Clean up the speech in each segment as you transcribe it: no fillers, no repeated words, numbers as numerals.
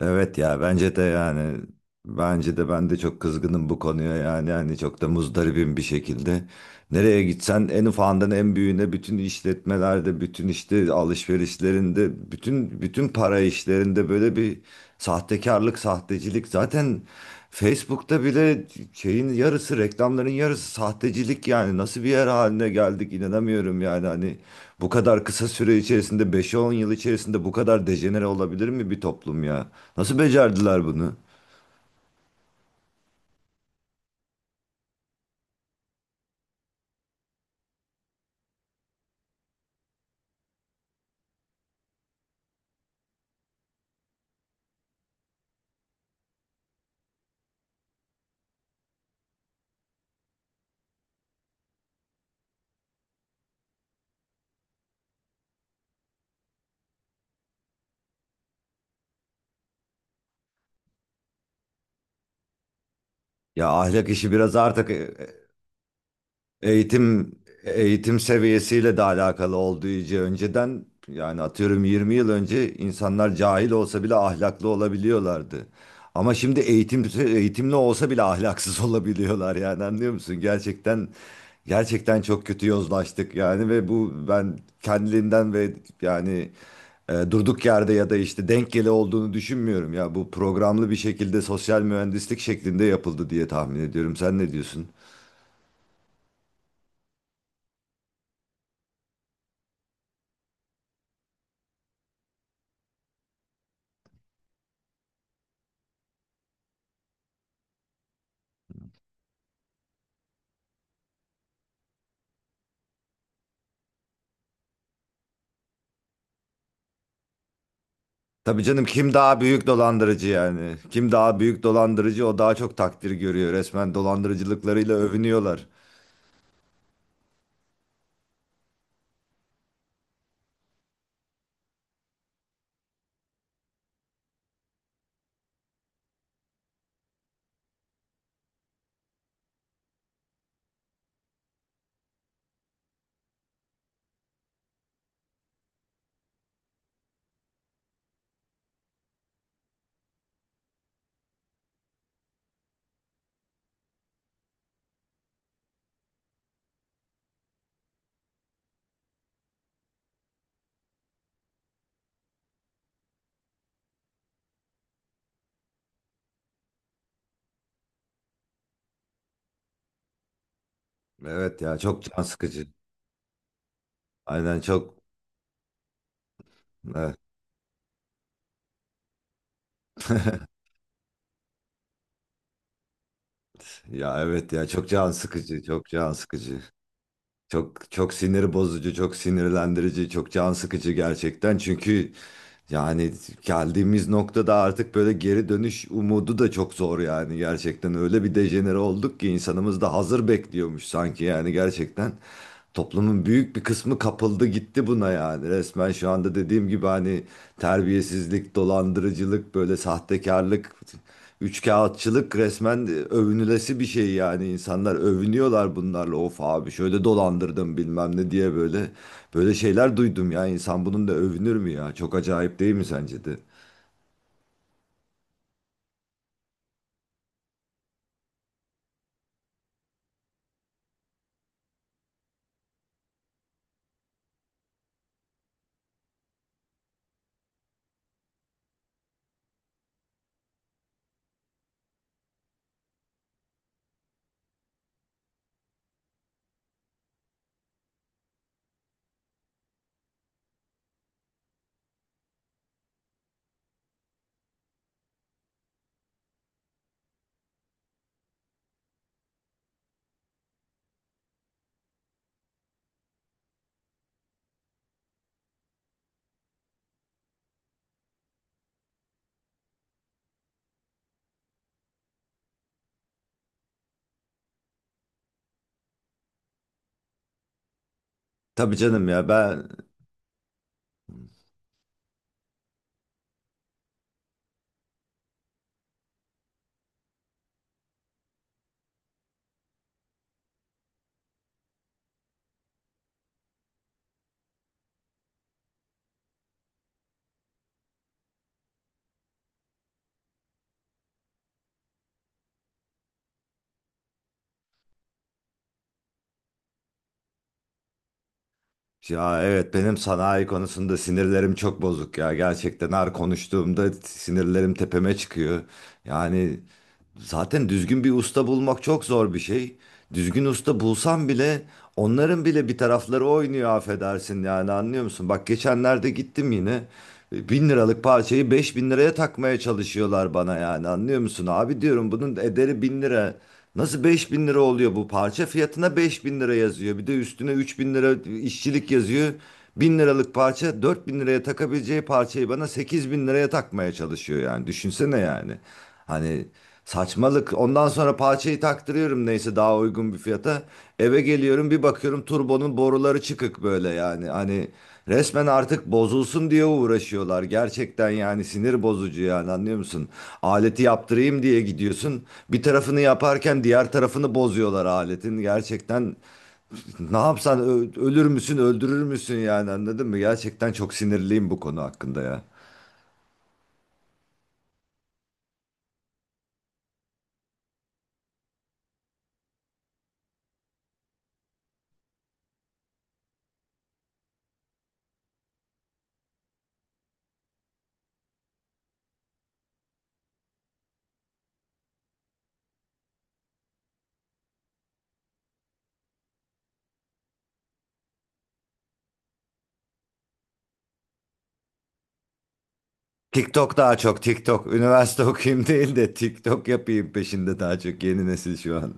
Evet ya bence de yani ben de çok kızgınım bu konuya yani hani çok da muzdaribim bir şekilde. Nereye gitsen en ufağından en büyüğüne bütün işletmelerde, bütün işte alışverişlerinde, bütün para işlerinde böyle bir sahtekarlık, sahtecilik. Zaten Facebook'ta bile şeyin yarısı, reklamların yarısı sahtecilik yani. Nasıl bir yer haline geldik inanamıyorum yani. Hani bu kadar kısa süre içerisinde beş on yıl içerisinde bu kadar dejenere olabilir mi bir toplum ya? Nasıl becerdiler bunu? Ya ahlak işi biraz artık. E, Eğitim eğitim seviyesiyle de alakalı olduğu için önceden yani atıyorum 20 yıl önce insanlar cahil olsa bile ahlaklı olabiliyorlardı. Ama şimdi eğitimli olsa bile ahlaksız olabiliyorlar yani anlıyor musun? Gerçekten gerçekten çok kötü yozlaştık yani ve bu ben kendiliğinden ve yani durduk yerde ya da işte denk geli olduğunu düşünmüyorum ya bu programlı bir şekilde sosyal mühendislik şeklinde yapıldı diye tahmin ediyorum. Sen ne diyorsun? Tabii canım kim daha büyük dolandırıcı yani? Kim daha büyük dolandırıcı o daha çok takdir görüyor. Resmen dolandırıcılıklarıyla övünüyorlar. Evet ya çok can sıkıcı. Aynen çok evet. Ya evet ya çok can sıkıcı, çok can sıkıcı. Çok çok sinir bozucu, çok sinirlendirici, çok can sıkıcı gerçekten. Çünkü yani geldiğimiz noktada artık böyle geri dönüş umudu da çok zor yani gerçekten. Öyle bir dejenere olduk ki insanımız da hazır bekliyormuş sanki yani gerçekten. Toplumun büyük bir kısmı kapıldı gitti buna yani. Resmen şu anda dediğim gibi hani terbiyesizlik, dolandırıcılık, böyle sahtekarlık, üçkağıtçılık resmen övünülesi bir şey yani insanlar övünüyorlar bunlarla, of abi, şöyle dolandırdım bilmem ne diye, böyle böyle şeyler duydum ya. İnsan bunun da övünür mü ya? Çok acayip değil mi sence de? Tabii canım ya ben, ya evet, benim sanayi konusunda sinirlerim çok bozuk ya gerçekten, her konuştuğumda sinirlerim tepeme çıkıyor yani. Zaten düzgün bir usta bulmak çok zor bir şey. Düzgün usta bulsam bile onların bile bir tarafları oynuyor affedersin yani anlıyor musun? Bak geçenlerde gittim yine, 1.000 liralık parçayı 5.000 liraya takmaya çalışıyorlar bana yani anlıyor musun? Abi diyorum bunun ederi 1.000 lira. Nasıl 5.000 lira oluyor bu parça? Fiyatına 5.000 lira yazıyor. Bir de üstüne 3.000 lira işçilik yazıyor. 1.000 liralık parça, 4.000 liraya takabileceği parçayı bana 8.000 liraya takmaya çalışıyor yani düşünsene yani. Hani saçmalık. Ondan sonra parçayı taktırıyorum neyse daha uygun bir fiyata. Eve geliyorum bir bakıyorum turbonun boruları çıkık böyle yani. Hani resmen artık bozulsun diye uğraşıyorlar. Gerçekten yani sinir bozucu yani anlıyor musun? Aleti yaptırayım diye gidiyorsun. Bir tarafını yaparken diğer tarafını bozuyorlar aletin. Gerçekten ne yapsan ölür müsün öldürür müsün yani anladın mı? Gerçekten çok sinirliyim bu konu hakkında ya. TikTok, daha çok TikTok. Üniversite okuyayım değil de TikTok yapayım peşinde daha çok yeni nesil şu an.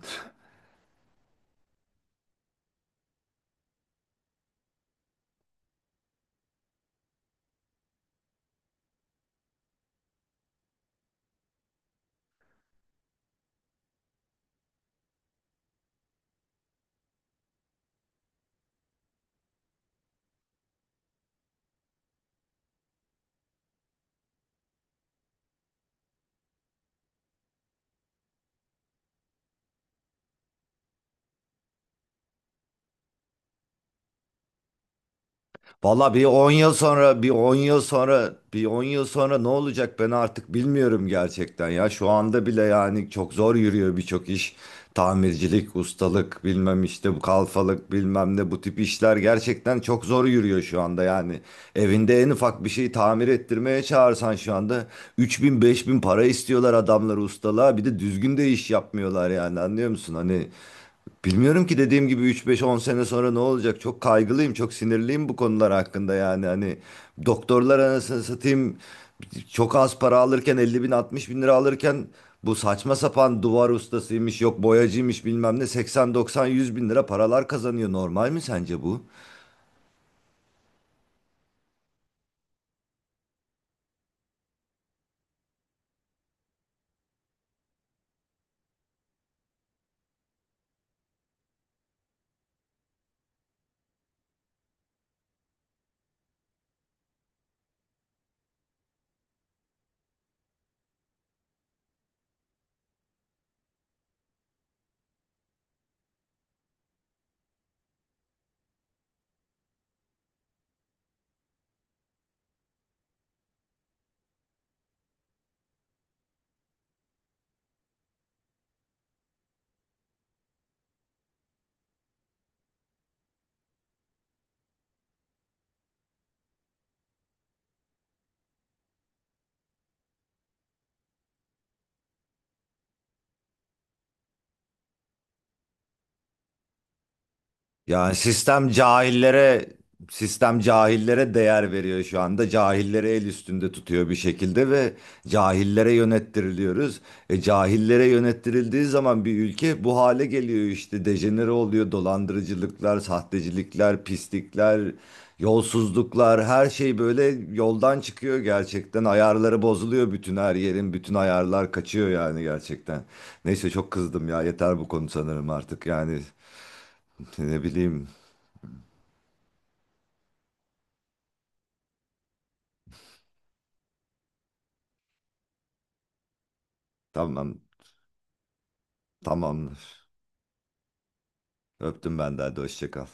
Valla bir 10 yıl sonra, bir 10 yıl sonra, bir 10 yıl sonra ne olacak ben artık bilmiyorum gerçekten ya. Şu anda bile yani çok zor yürüyor birçok iş. Tamircilik, ustalık, bilmem işte bu kalfalık, bilmem ne, bu tip işler gerçekten çok zor yürüyor şu anda yani. Evinde en ufak bir şeyi tamir ettirmeye çağırsan şu anda 3000 bin, beş bin para istiyorlar adamlar ustalığa. Bir de düzgün de iş yapmıyorlar yani anlıyor musun? Hani bilmiyorum ki, dediğim gibi üç beş on sene sonra ne olacak? Çok kaygılıyım, çok sinirliyim bu konular hakkında yani. Hani doktorlar, anasını satayım, çok az para alırken, 50.000 60.000 lira alırken, bu saçma sapan duvar ustasıymış, yok boyacıymış, bilmem ne 80-90-100 bin lira paralar kazanıyor. Normal mi sence bu? Yani sistem cahillere değer veriyor şu anda. Cahilleri el üstünde tutuyor bir şekilde ve cahillere yönettiriliyoruz. Cahillere yönettirildiği zaman bir ülke bu hale geliyor işte. Dejenere oluyor. Dolandırıcılıklar, sahtecilikler, pislikler, yolsuzluklar, her şey böyle yoldan çıkıyor gerçekten. Ayarları bozuluyor bütün her yerin. Bütün ayarlar kaçıyor yani gerçekten. Neyse, çok kızdım ya. Yeter bu konu sanırım artık yani. Ne bileyim. Tamam. Tamamdır. Öptüm ben de. Hadi hoşça kal.